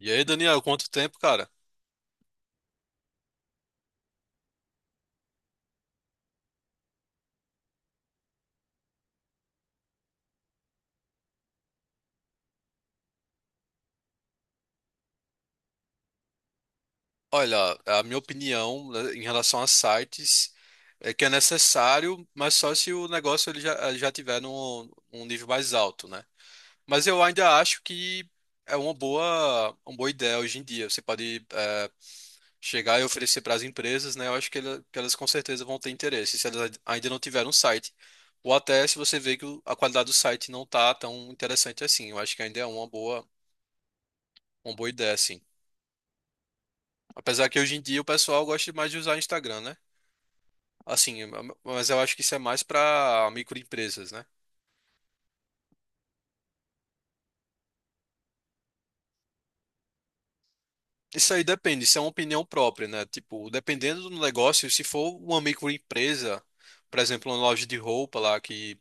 E aí, Daniel, quanto tempo, cara? Olha, a minha opinião, né, em relação a sites é que é necessário, mas só se o negócio ele já tiver num nível mais alto, né? Mas eu ainda acho que é uma boa ideia hoje em dia. Você pode chegar e oferecer para as empresas, né? Eu acho que elas com certeza vão ter interesse, se elas ainda não tiveram um site. Ou até se você vê que a qualidade do site não tá tão interessante assim. Eu acho que ainda é uma boa ideia, assim. Apesar que hoje em dia o pessoal gosta mais de usar Instagram, né? Assim, mas eu acho que isso é mais para microempresas, né? Isso aí depende, isso é uma opinião própria, né? Tipo, dependendo do negócio, se for uma microempresa, por exemplo, uma loja de roupa lá, que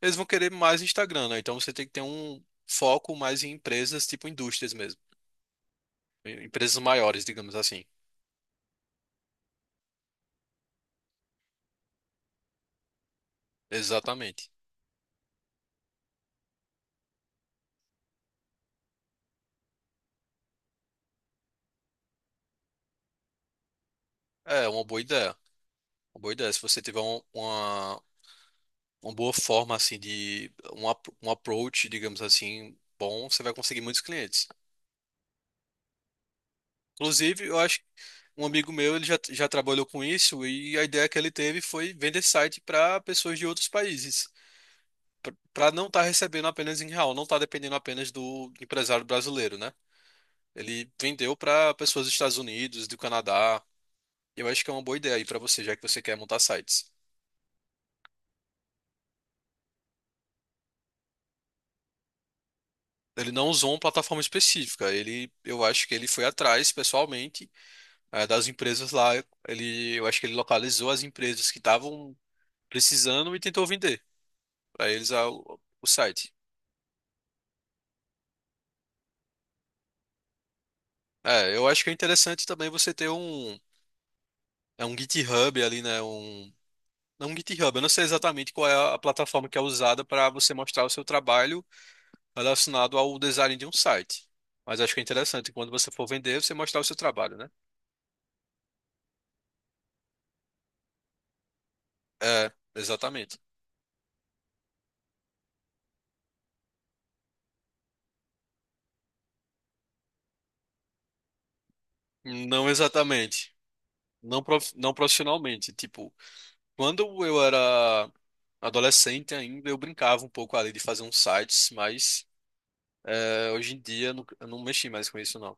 eles vão querer mais Instagram, né? Então você tem que ter um foco mais em empresas, tipo indústrias mesmo. Empresas maiores, digamos assim. Exatamente. É, uma boa ideia. Uma boa ideia. Se você tiver uma boa forma assim de um approach, digamos assim, bom, você vai conseguir muitos clientes. Inclusive, eu acho que um amigo meu, ele já trabalhou com isso e a ideia que ele teve foi vender site para pessoas de outros países, para não estar recebendo apenas em real, não estar dependendo apenas do empresário brasileiro, né? Ele vendeu para pessoas dos Estados Unidos, do Canadá. Eu acho que é uma boa ideia aí para você, já que você quer montar sites. Ele não usou uma plataforma específica, eu acho que ele foi atrás pessoalmente das empresas lá. Eu acho que ele localizou as empresas que estavam precisando e tentou vender para eles o site. É, eu acho que é interessante também você ter é um GitHub ali, né? Um, não um GitHub, eu não sei exatamente qual é a plataforma que é usada para você mostrar o seu trabalho relacionado ao design de um site. Mas acho que é interessante quando você for vender, você mostrar o seu trabalho, né? É, exatamente. Não exatamente. Não, não profissionalmente. Tipo, quando eu era adolescente ainda, eu brincava um pouco ali de fazer uns sites, mas hoje em dia eu eu não mexi mais com isso, não.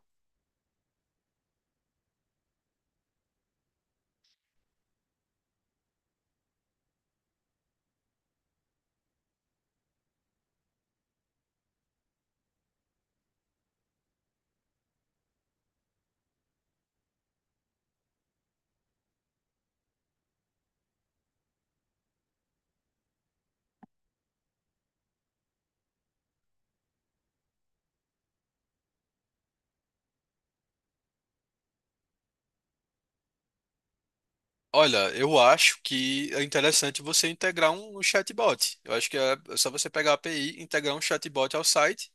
Olha, eu acho que é interessante você integrar um chatbot. Eu acho que é só você pegar a API, e integrar um chatbot ao site,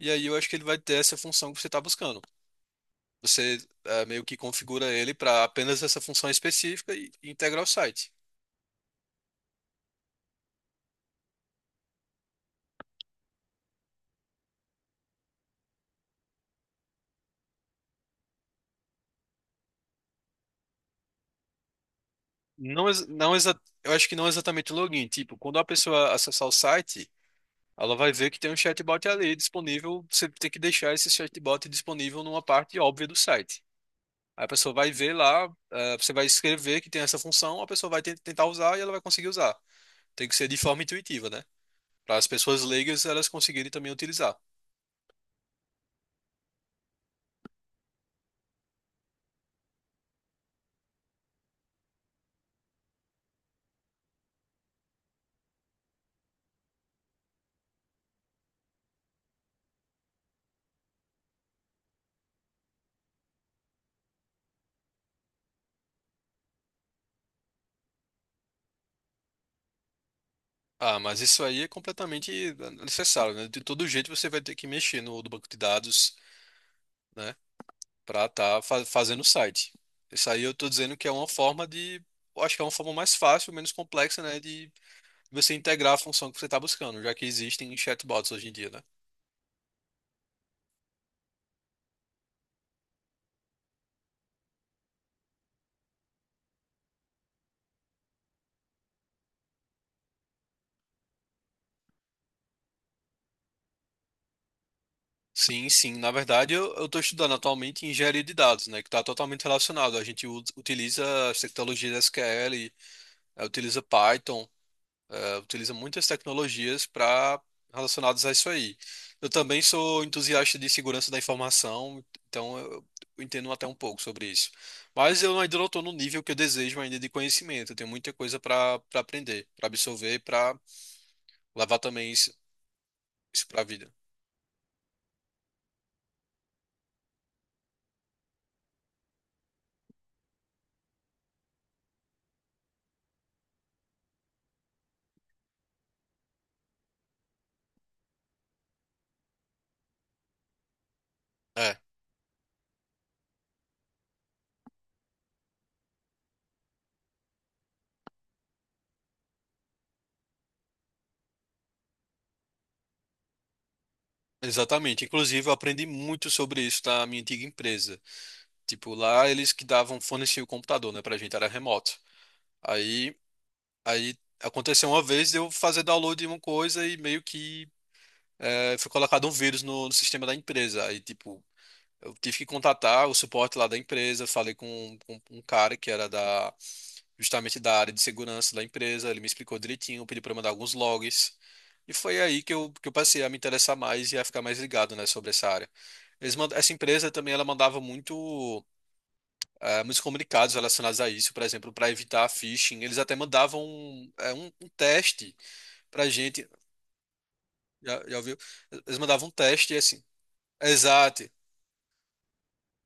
e aí eu acho que ele vai ter essa função que você está buscando. Você meio que configura ele para apenas essa função específica e integra o site. Não, eu acho que não é exatamente o login. Tipo, quando a pessoa acessar o site. Ela vai ver que tem um chatbot ali disponível. Você tem que deixar esse chatbot disponível numa parte óbvia do site. Aí a pessoa vai ver lá, você vai escrever que tem essa função, a pessoa vai tentar usar e ela vai conseguir usar. Tem que ser de forma intuitiva, né? Para as pessoas leigas elas conseguirem também utilizar. Ah, mas isso aí é completamente necessário, né? De todo jeito você vai ter que mexer no banco de dados, né? Para estar fazendo o site. Isso aí eu tô dizendo que é uma forma de, eu acho que é uma forma mais fácil, menos complexa, né, de você integrar a função que você está buscando, já que existem chatbots hoje em dia, né? Sim, sim. Na verdade, eu estou estudando atualmente engenharia de dados, né, que está totalmente relacionado. A gente utiliza as tecnologias SQL, utiliza Python, utiliza muitas tecnologias para relacionadas a isso aí. Eu também sou entusiasta de segurança da informação, então eu entendo até um pouco sobre isso. Mas eu ainda não estou no nível que eu desejo ainda de conhecimento. Eu tenho muita coisa para aprender, para absorver, para levar também isso para a vida. É, exatamente. Inclusive, eu aprendi muito sobre isso na minha antiga empresa. Tipo, lá eles que davam forneciam o computador, né, pra gente, era remoto. Aí Aí aconteceu uma vez de eu fazer download de uma coisa e meio que foi colocado um vírus no sistema da empresa. Aí, tipo, eu tive que contatar o suporte lá da empresa, falei com um cara que era da justamente da área de segurança da empresa, ele me explicou direitinho, pediu para mandar alguns logs. E foi aí que eu passei a me interessar mais e a ficar mais ligado, né, sobre essa área. Essa empresa também ela mandava muito muitos comunicados relacionados a isso, por exemplo, para evitar phishing, eles até mandavam um teste pra gente. Já, já ouviu? Eles mandavam um teste e assim. Exato,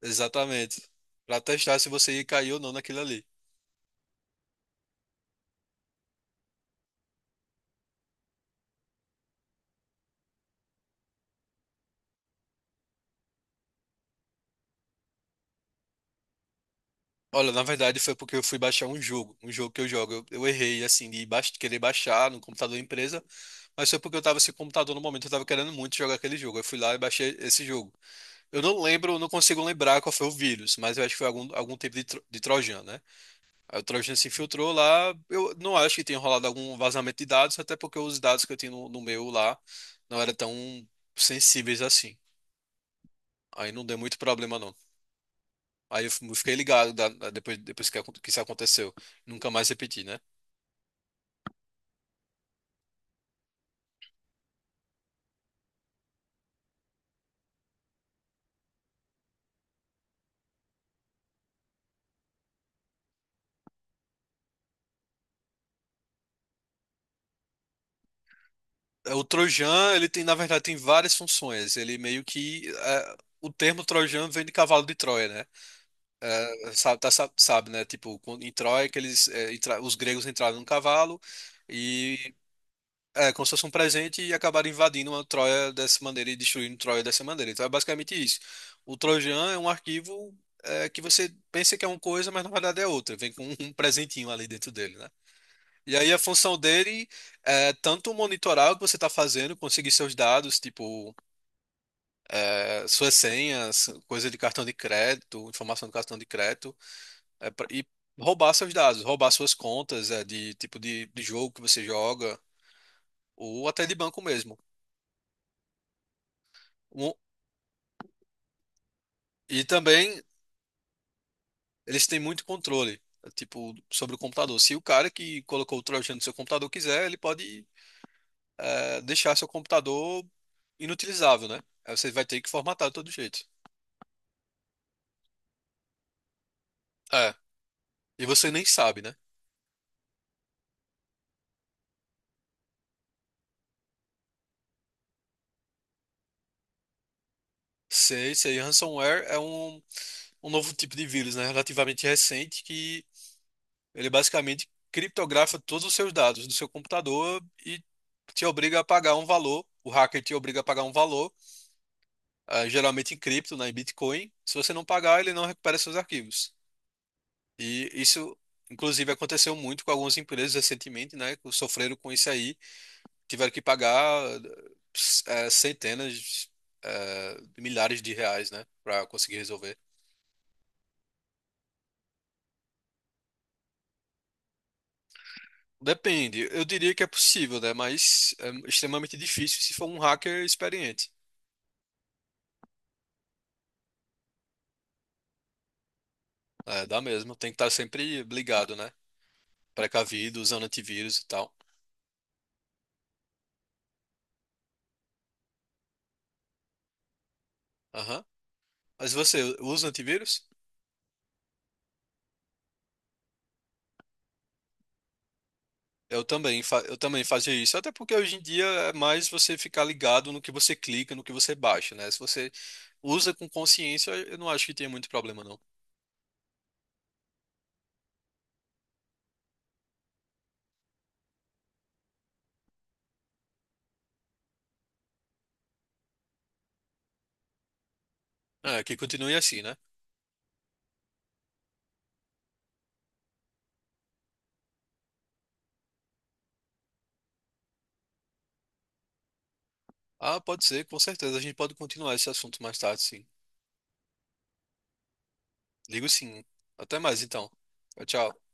exatamente. Pra testar se você ia cair ou não naquilo ali. Olha, na verdade foi porque eu fui baixar um jogo que eu jogo. Eu errei, assim, de querer baixar no computador da empresa, mas foi porque eu tava sem computador no momento, eu tava querendo muito jogar aquele jogo. Eu fui lá e baixei esse jogo. Eu não lembro, não consigo lembrar qual foi o vírus, mas eu acho que foi algum, algum tipo de trojan, né? Aí o Trojan se infiltrou lá. Eu não acho que tenha rolado algum vazamento de dados, até porque os dados que eu tinha no meu lá não eram tão sensíveis assim. Aí não deu muito problema, não. Aí eu fiquei ligado depois que, que isso aconteceu. Nunca mais repeti, né? É, o Trojan, ele tem, na verdade, tem várias funções. Ele meio que. É, o termo Trojan vem de cavalo de Troia, né? É, sabe, né? Tipo, em Troia, que eles, os gregos entraram num cavalo. É, como se fosse um presente e acabaram invadindo uma Troia dessa maneira e destruindo Troia dessa maneira. Então é basicamente isso. O Trojan é um arquivo que você pensa que é uma coisa, mas na verdade é outra. Vem com um presentinho ali dentro dele, né? E aí a função dele é tanto monitorar o que você está fazendo, conseguir seus dados, tipo suas senhas, coisa de cartão de crédito, informação do cartão de crédito, é, pra- e roubar seus dados, roubar suas contas de tipo de jogo que você joga, ou até de banco mesmo. Um- também eles têm muito controle, tipo, sobre o computador. Se o cara que colocou o Trojan no seu computador quiser, ele pode deixar seu computador inutilizável, né? Aí você vai ter que formatar de todo jeito. É, e você nem sabe, né? Sei, sei, ransomware é um novo tipo de vírus, né? Relativamente recente, que ele basicamente criptografa todos os seus dados do seu computador e te obriga a pagar um valor. O hacker te obriga a pagar um valor, geralmente em cripto, né, em Bitcoin. Se você não pagar, ele não recupera seus arquivos. E isso, inclusive, aconteceu muito com algumas empresas recentemente, né? Que sofreram com isso aí, tiveram que pagar centenas, de milhares de reais, né? Para conseguir resolver. Depende, eu diria que é possível, né? Mas é extremamente difícil se for um hacker experiente. É, dá mesmo, tem que estar sempre ligado, né? Precavido, usando antivírus e tal. Aham. Mas você usa antivírus? Eu também, eu também fazia isso, até porque hoje em dia é mais você ficar ligado no que você clica, no que você baixa, né? Se você usa com consciência, eu não acho que tenha muito problema, não. É, que continue assim, né? Ah, pode ser, com certeza. A gente pode continuar esse assunto mais tarde, sim. Ligo sim. Até mais, então. Tchau, tchau.